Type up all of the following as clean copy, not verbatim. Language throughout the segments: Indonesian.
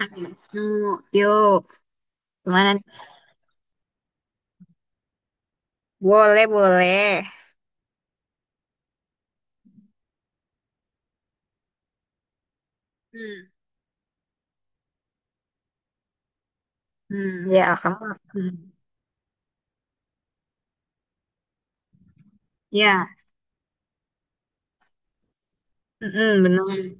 Ah, Wisnu, yuk. Gimana nih? Boleh, boleh. Hmm, hmm, ya, kamu. Hmm, ya, hmm, benar.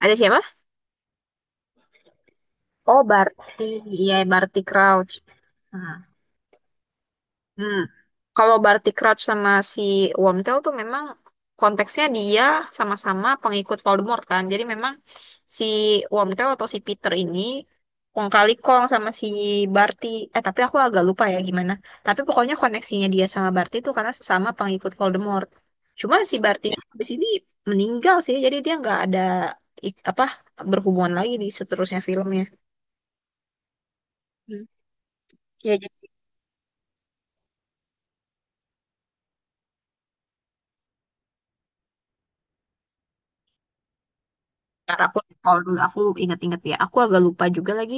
Ada siapa? Oh, Bart. Iya, Barty Crouch. Hmm. Hmm. Kalau Barty Crouch sama si Wormtail tuh memang konteksnya dia sama-sama pengikut Voldemort kan. Jadi memang si Wormtail atau si Peter ini kong kali kong sama si Barty. Eh tapi aku agak lupa ya gimana. Tapi pokoknya koneksinya dia sama Barty itu karena sesama pengikut Voldemort. Cuma si Barty ini habis ini meninggal sih. Jadi dia nggak ada apa berhubungan lagi di seterusnya filmnya. Hmm. Ya, ntar aku recall dulu, aku inget-inget ya. Aku agak lupa juga lagi.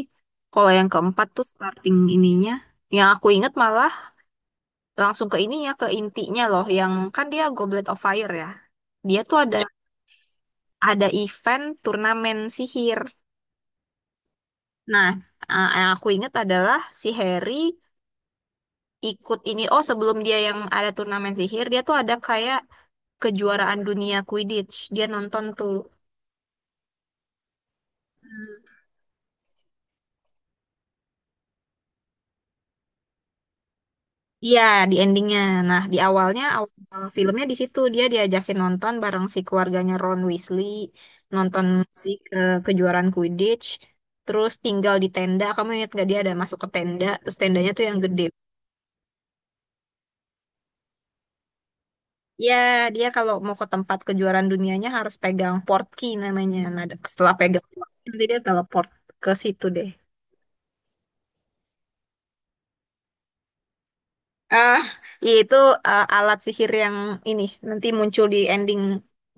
Kalau yang keempat tuh starting ininya. Yang aku inget malah langsung ke ininya, ke intinya loh. Yang kan dia Goblet of Fire ya. Dia tuh ada event turnamen sihir. Nah, yang aku inget adalah si Harry ikut ini. Oh, sebelum dia yang ada turnamen sihir, dia tuh ada kayak kejuaraan dunia Quidditch. Dia nonton tuh. Iya, di endingnya. Nah, di awalnya awal filmnya di situ dia diajakin nonton bareng si keluarganya Ron Weasley, nonton si kejuaraan Quidditch, terus tinggal di tenda. Kamu ingat gak dia ada masuk ke tenda, terus tendanya tuh yang gede. Ya, dia kalau mau ke tempat kejuaraan dunianya harus pegang port key namanya. Nah, setelah pegang port key, nanti dia teleport ke situ deh. Ah, itu alat sihir yang ini nanti muncul di ending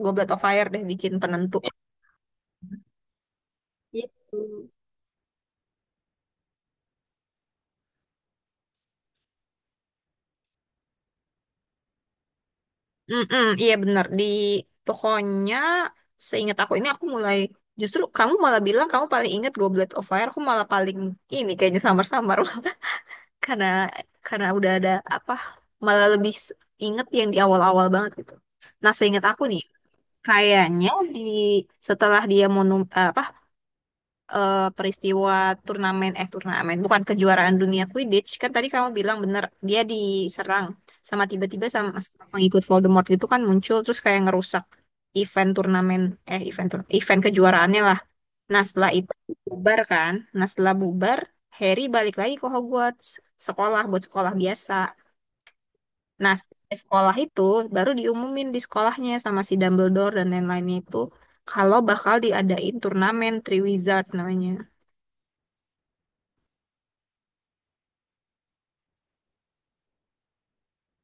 Goblet of Fire deh bikin penentu. Gitu. Mm-mm, iya benar. Pokoknya seingat aku ini aku mulai justru kamu malah bilang kamu paling ingat Goblet of Fire, aku malah paling ini kayaknya samar-samar karena karena udah ada apa malah lebih inget yang di awal-awal banget gitu. Nah, seingat aku nih, kayaknya di setelah dia peristiwa turnamen eh turnamen bukan kejuaraan dunia Quidditch kan tadi kamu bilang bener dia diserang sama tiba-tiba sama pengikut Voldemort gitu kan muncul terus kayak ngerusak event turnamen eh event tur- event kejuaraannya lah. Nah setelah itu bubar kan, nah setelah bubar Harry balik lagi ke Hogwarts sekolah buat sekolah biasa. Nah di sekolah itu baru diumumin di sekolahnya sama si Dumbledore dan lain-lainnya itu kalau bakal diadain turnamen Triwizard namanya.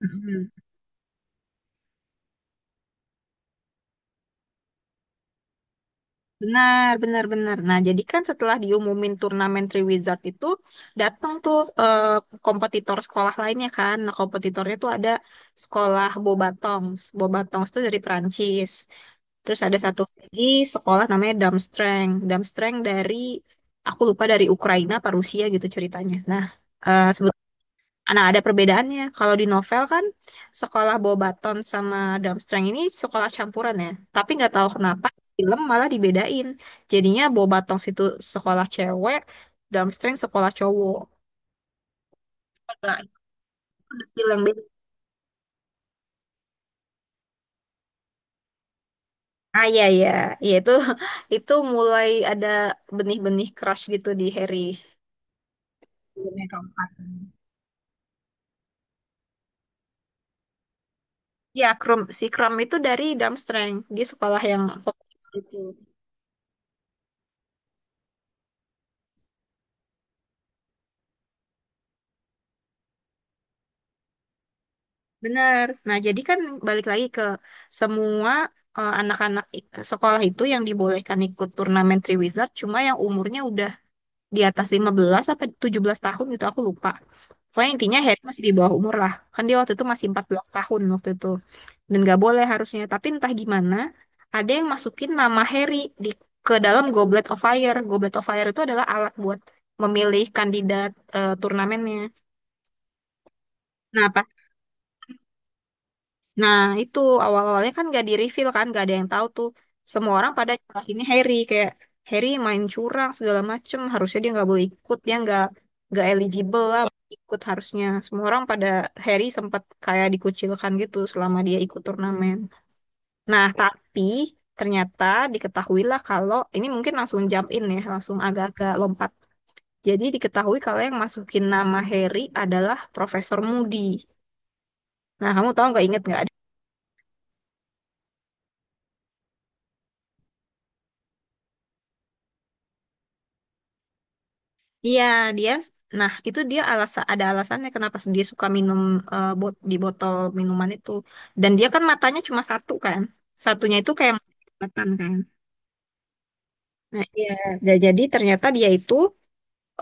Mhm. Benar, benar, benar. Nah, jadi kan setelah diumumin turnamen Three Wizard itu, datang tuh kompetitor sekolah lainnya kan. Nah, kompetitornya tuh ada sekolah Bobatongs. Bobatongs tuh dari Perancis. Terus ada satu lagi sekolah namanya Darmstrang. Darmstrang dari, aku lupa dari Ukraina apa Rusia gitu ceritanya. Nah, eh, sebetulnya Nah, ada perbedaannya. Kalau di novel kan sekolah Bobaton sama Durmstrang ini sekolah campuran ya. Tapi nggak tahu kenapa di film malah dibedain. Jadinya Bobaton itu sekolah cewek, Durmstrang sekolah cowok. Agak itu detail yang beda. Ah iya iya, iya itu itu mulai ada benih-benih crush gitu di Harry. Filmnya keempat. Ya, Krum, si Krum itu dari Durmstrang. Dia sekolah yang populer itu. Benar. Nah, jadi kan balik lagi ke semua anak-anak sekolah itu yang dibolehkan ikut turnamen Three Wizard, cuma yang umurnya udah di atas 15 sampai 17 tahun gitu aku lupa. Pokoknya intinya Harry masih di bawah umur lah. Kan dia waktu itu masih 14 tahun waktu itu. Dan gak boleh harusnya. Tapi entah gimana, ada yang masukin nama Harry di ke dalam Goblet of Fire. Goblet of Fire itu adalah alat buat memilih kandidat turnamennya. Nah, pas Nah, itu awal-awalnya kan gak di-reveal kan, gak ada yang tahu tuh. Semua orang pada nyalahinnya Harry, kayak Harry main curang segala macem, harusnya dia nggak boleh ikut, dia nggak eligible lah buat ikut harusnya. Semua orang pada Harry sempat kayak dikucilkan gitu selama dia ikut turnamen. Nah, tapi ternyata diketahuilah kalau ini mungkin langsung jump in ya, langsung agak-agak lompat. Jadi diketahui kalau yang masukin nama Harry adalah Profesor Moody. Nah, kamu tahu nggak inget nggak? Iya, dia. Nah, itu dia alasan ada alasannya kenapa dia suka minum di botol minuman itu. Dan dia kan matanya cuma satu kan. Satunya itu kayak mata kelihatan kan. Nah, iya. Nah, jadi ternyata dia itu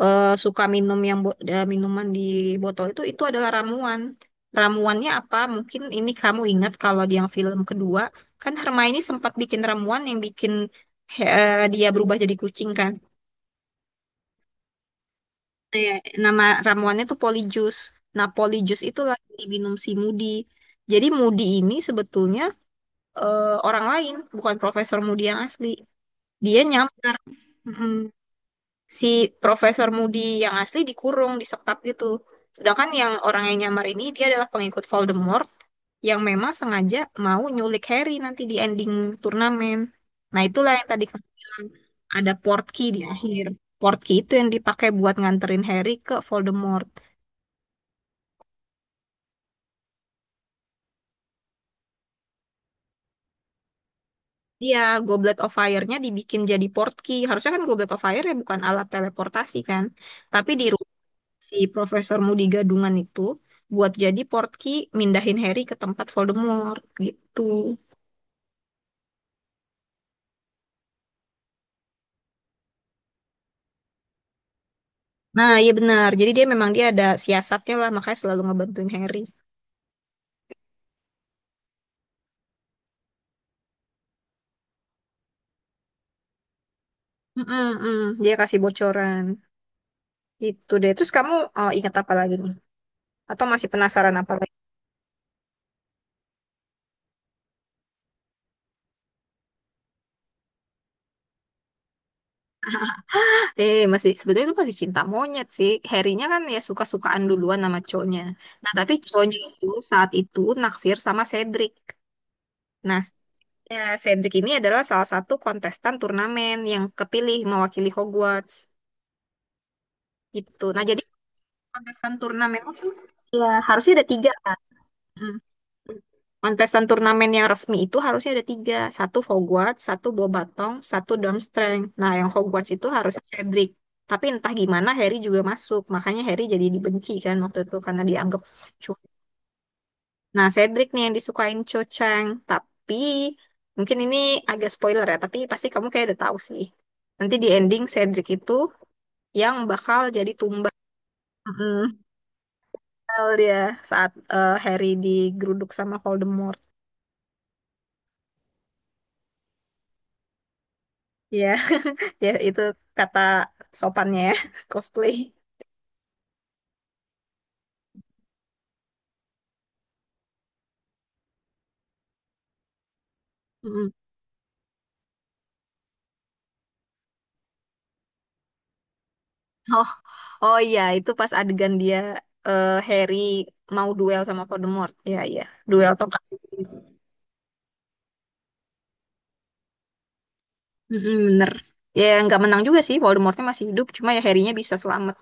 suka minum minuman di botol itu adalah ramuan. Ramuannya apa? Mungkin ini kamu ingat kalau di yang film kedua kan Hermione sempat bikin ramuan yang bikin dia berubah jadi kucing kan. Iya, nama ramuannya tuh polyjuice. Nah, polyjuice itu lagi diminum si Moody. Jadi Moody ini sebetulnya orang lain, bukan Profesor Moody yang asli. Dia nyamar. Mm-mm. Si Profesor Moody yang asli dikurung, disekap gitu. Sedangkan yang orang yang nyamar ini dia adalah pengikut Voldemort yang memang sengaja mau nyulik Harry nanti di ending turnamen. Nah, itulah yang tadi kamu bilang ada portkey di akhir. Portkey itu yang dipakai buat nganterin Harry ke Voldemort. Iya, Goblet of Fire-nya dibikin jadi portkey. Harusnya kan Goblet of Fire ya bukan alat teleportasi kan. Tapi di rumah si Profesor Moody Gadungan itu buat jadi portkey mindahin Harry ke tempat Voldemort gitu. Nah, iya benar. Jadi dia ada siasatnya lah, makanya selalu ngebantuin Harry. Mm-mm-mm. Dia kasih bocoran. Gitu deh. Terus kamu ingat apa lagi nih? Atau masih penasaran apa? Eh, masih Sebetulnya itu masih cinta monyet sih. Harrynya kan ya suka-sukaan duluan sama cowoknya. Nah, tapi cowoknya itu saat itu naksir sama Cedric. Nah, ya, Cedric ini adalah salah satu kontestan turnamen yang kepilih mewakili Hogwarts. Gitu. Nah, jadi kontestan turnamen itu ya harusnya ada tiga kan. Hmm. Kontestan turnamen yang resmi itu harusnya ada tiga. Satu Hogwarts, satu Bobatong, satu Durmstrang. Nah, yang Hogwarts itu harusnya Cedric. Tapi entah gimana Harry juga masuk. Makanya Harry jadi dibenci kan waktu itu karena dianggap curang. Nah, Cedric nih yang disukain Cho Chang. Tapi mungkin ini agak spoiler ya. Tapi pasti kamu kayak udah tahu sih. Nanti di ending Cedric itu yang bakal jadi tumbal. Mm, Tumbal dia saat Harry digeruduk sama Voldemort. Iya, ya itu kata sopannya ya, cosplay. Mm-mm. Oh, oh iya, itu pas adegan Harry mau duel sama Voldemort. Iya, iya, duel tongkat sihir. Mm-mm, bener. Ya nggak menang juga sih, Voldemortnya masih hidup, cuma ya Harry-nya bisa selamat.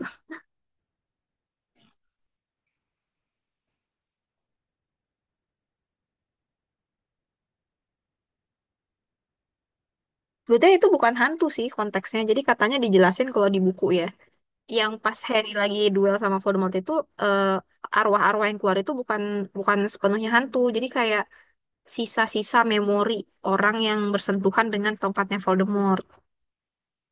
Sebetulnya itu bukan hantu sih konteksnya, jadi katanya dijelasin kalau di buku ya. Yang pas Harry lagi duel sama Voldemort itu arwah-arwah yang keluar itu bukan bukan sepenuhnya hantu, jadi kayak sisa-sisa memori orang yang bersentuhan dengan tongkatnya Voldemort.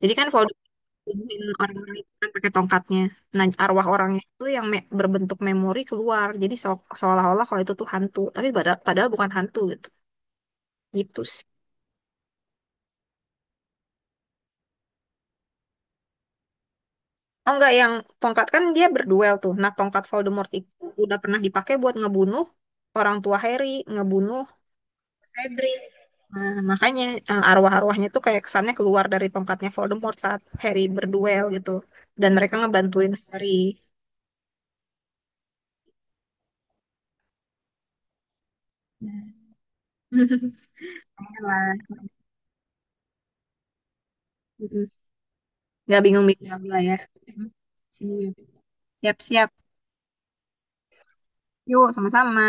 Jadi kan Voldemort bunuhin orang-orang itu kan pakai tongkatnya. Nah, arwah orangnya itu yang berbentuk memori keluar. Jadi seolah-olah kalau itu tuh hantu, tapi padahal bukan hantu gitu. Gitu sih. Oh enggak, yang tongkat kan dia berduel tuh. Nah, tongkat Voldemort itu udah pernah dipakai buat ngebunuh orang tua Harry, ngebunuh Cedric. Nah, makanya arwah-arwahnya tuh kayak kesannya keluar dari tongkatnya Voldemort saat Harry berduel gitu. Dan mereka ngebantuin Harry. Nah, lah. Mm-mm. Nggak bingung-bingung lah ya. Siap. Siap-siap. Yuk, sama-sama.